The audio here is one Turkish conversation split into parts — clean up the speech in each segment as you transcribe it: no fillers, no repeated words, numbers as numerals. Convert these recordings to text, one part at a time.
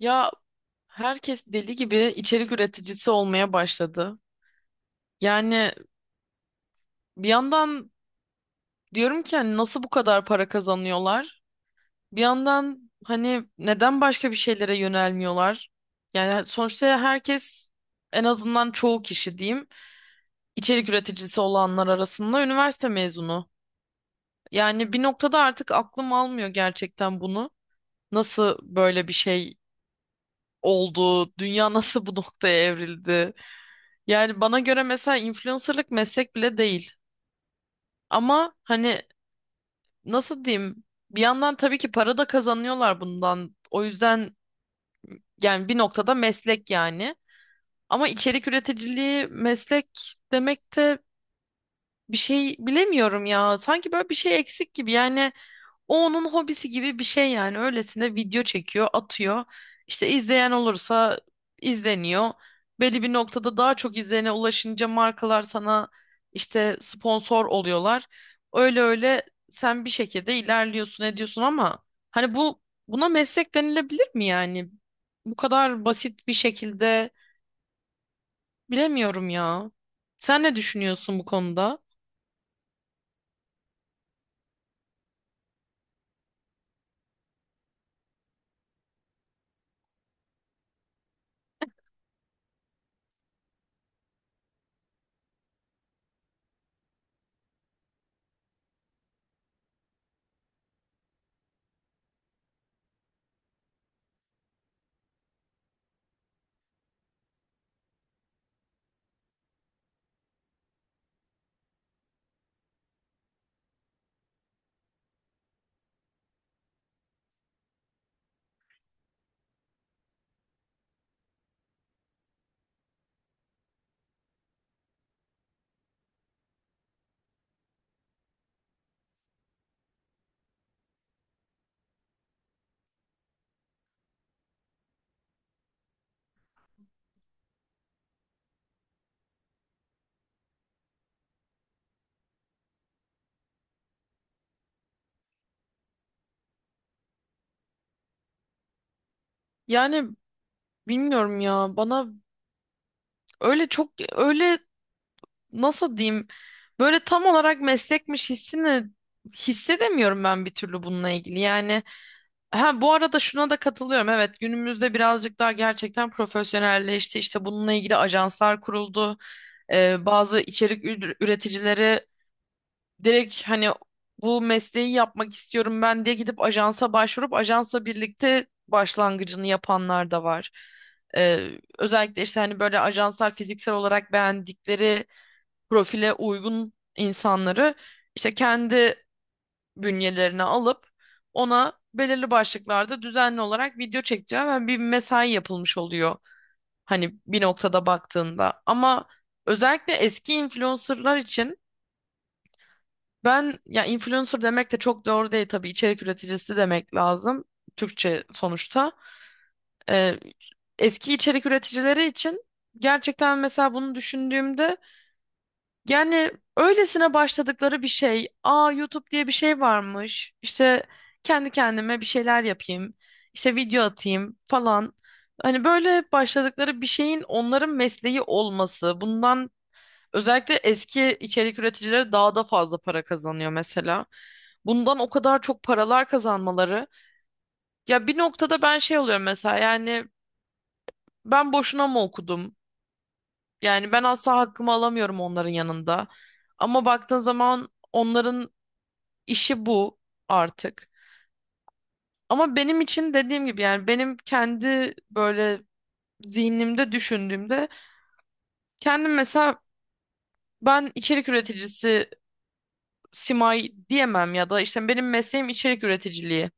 Ya, herkes deli gibi içerik üreticisi olmaya başladı. Yani bir yandan diyorum ki hani nasıl bu kadar para kazanıyorlar? Bir yandan hani neden başka bir şeylere yönelmiyorlar? Yani sonuçta herkes, en azından çoğu kişi diyeyim, içerik üreticisi olanlar arasında üniversite mezunu. Yani bir noktada artık aklım almıyor gerçekten bunu. Nasıl böyle bir şey oldu? Dünya nasıl bu noktaya evrildi? Yani bana göre mesela influencerlık meslek bile değil. Ama hani nasıl diyeyim? Bir yandan tabii ki para da kazanıyorlar bundan. O yüzden yani bir noktada meslek yani. Ama içerik üreticiliği meslek demek de bir şey, bilemiyorum ya. Sanki böyle bir şey eksik gibi. Yani o onun hobisi gibi bir şey yani. Öylesine video çekiyor, atıyor. İşte izleyen olursa izleniyor. Belli bir noktada daha çok izleyene ulaşınca markalar sana işte sponsor oluyorlar. Öyle öyle sen bir şekilde ilerliyorsun, ediyorsun ama hani buna meslek denilebilir mi yani? Bu kadar basit bir şekilde bilemiyorum ya. Sen ne düşünüyorsun bu konuda? Yani bilmiyorum ya, bana öyle çok öyle, nasıl diyeyim, böyle tam olarak meslekmiş hissini hissedemiyorum ben bir türlü bununla ilgili. Yani ha, bu arada şuna da katılıyorum. Evet, günümüzde birazcık daha gerçekten profesyonelleşti. İşte bununla ilgili ajanslar kuruldu. Bazı üreticileri direkt hani bu mesleği yapmak istiyorum ben diye gidip ajansa başvurup ajansla birlikte başlangıcını yapanlar da var. Ee, Özellikle işte hani böyle ajanslar fiziksel olarak beğendikleri profile uygun insanları işte kendi bünyelerine alıp ona belirli başlıklarda düzenli olarak video çekeceği ve bir mesai yapılmış oluyor. Hani bir noktada baktığında ama özellikle eski influencerlar için, ben ya influencer demek de çok doğru değil tabii, içerik üreticisi demek lazım Türkçe sonuçta. Ee, Eski içerik üreticileri için gerçekten mesela bunu düşündüğümde, yani öylesine başladıkları bir şey. Aa, YouTube diye bir şey varmış. İşte kendi kendime bir şeyler yapayım, işte video atayım falan. Hani böyle başladıkları bir şeyin onların mesleği olması, bundan, özellikle eski içerik üreticileri daha da fazla para kazanıyor mesela. Bundan o kadar çok paralar kazanmaları. Ya bir noktada ben şey oluyorum mesela yani ben boşuna mı okudum? Yani ben asla hakkımı alamıyorum onların yanında. Ama baktığın zaman onların işi bu artık. Ama benim için dediğim gibi yani, benim kendi böyle zihnimde düşündüğümde, kendim mesela ben içerik üreticisi Simay diyemem ya da işte benim mesleğim içerik üreticiliği.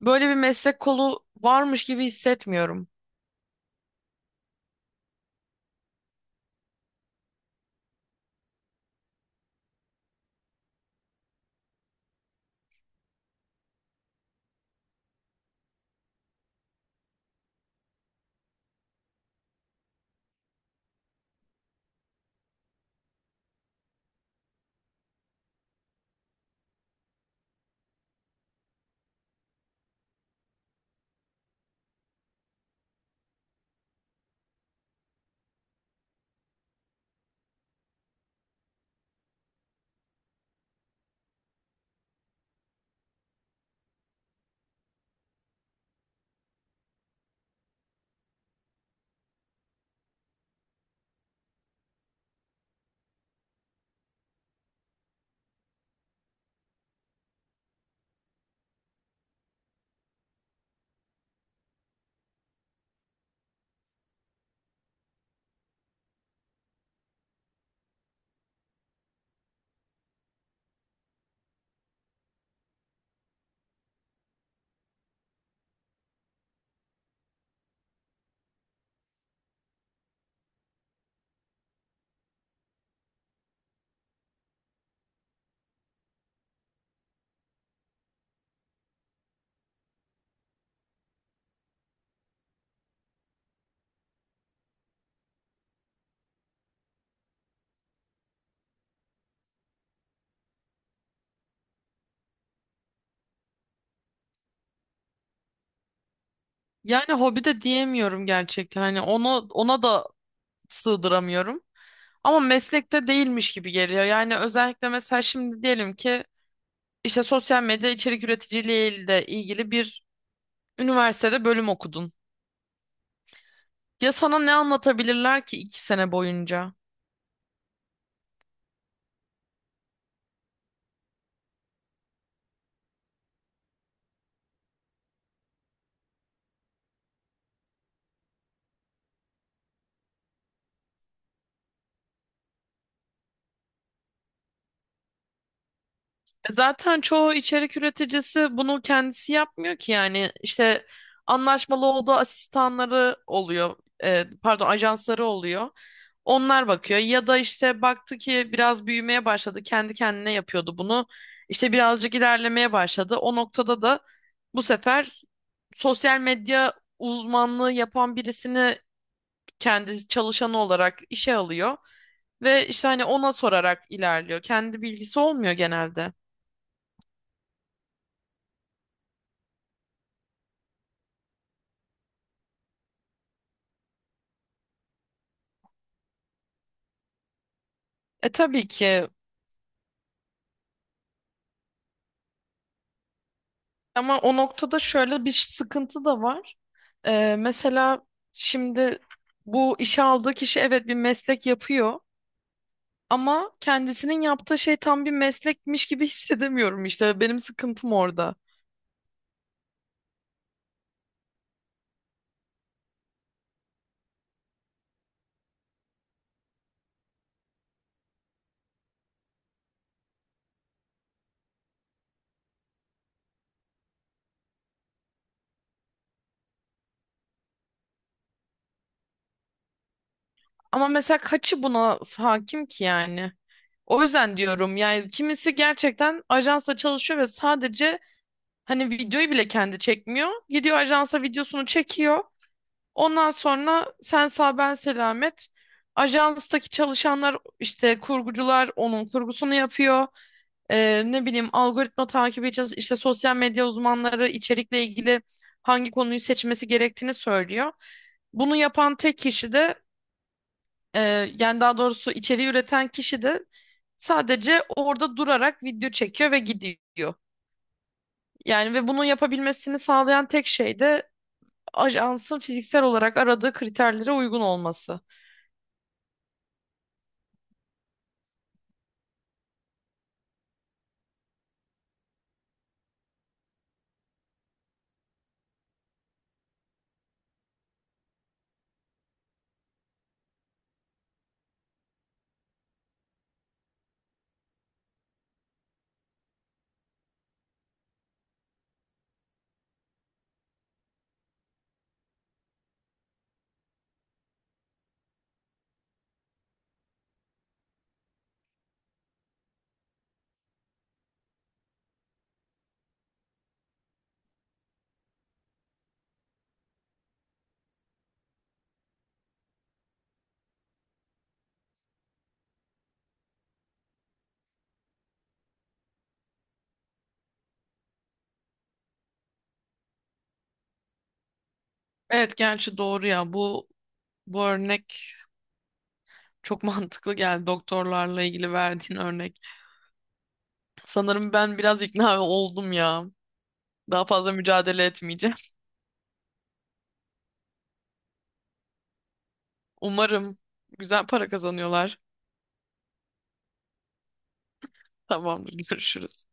Böyle bir meslek kolu varmış gibi hissetmiyorum. Yani hobi de diyemiyorum gerçekten. Hani onu, ona da sığdıramıyorum. Ama meslekte değilmiş gibi geliyor. Yani özellikle mesela şimdi diyelim ki işte sosyal medya içerik üreticiliği ile ilgili bir üniversitede bölüm okudun. Ya sana ne anlatabilirler ki 2 sene boyunca? Zaten çoğu içerik üreticisi bunu kendisi yapmıyor ki yani, işte anlaşmalı olduğu asistanları oluyor, pardon, ajansları oluyor, onlar bakıyor ya da işte baktı ki biraz büyümeye başladı, kendi kendine yapıyordu bunu, işte birazcık ilerlemeye başladı, o noktada da bu sefer sosyal medya uzmanlığı yapan birisini kendi çalışanı olarak işe alıyor ve işte hani ona sorarak ilerliyor, kendi bilgisi olmuyor genelde. E tabii ki, ama o noktada şöyle bir sıkıntı da var. Mesela şimdi bu işe aldığı kişi evet bir meslek yapıyor ama kendisinin yaptığı şey tam bir meslekmiş gibi hissedemiyorum, işte benim sıkıntım orada. Ama mesela kaçı buna hakim ki yani? O yüzden diyorum yani, kimisi gerçekten ajansa çalışıyor ve sadece hani videoyu bile kendi çekmiyor. Gidiyor ajansa videosunu çekiyor. Ondan sonra sen sağ, ben selamet. Ajanstaki çalışanlar işte kurgucular onun kurgusunu yapıyor. Ne bileyim algoritma takibi için işte sosyal medya uzmanları içerikle ilgili hangi konuyu seçmesi gerektiğini söylüyor. Bunu yapan tek kişi de, e, yani daha doğrusu içeriği üreten kişi de sadece orada durarak video çekiyor ve gidiyor. Yani ve bunu yapabilmesini sağlayan tek şey de ajansın fiziksel olarak aradığı kriterlere uygun olması. Evet, gerçi doğru ya. Bu örnek çok mantıklı geldi, doktorlarla ilgili verdiğin örnek. Sanırım ben biraz ikna oldum ya. Daha fazla mücadele etmeyeceğim. Umarım güzel para kazanıyorlar. Tamamdır, görüşürüz.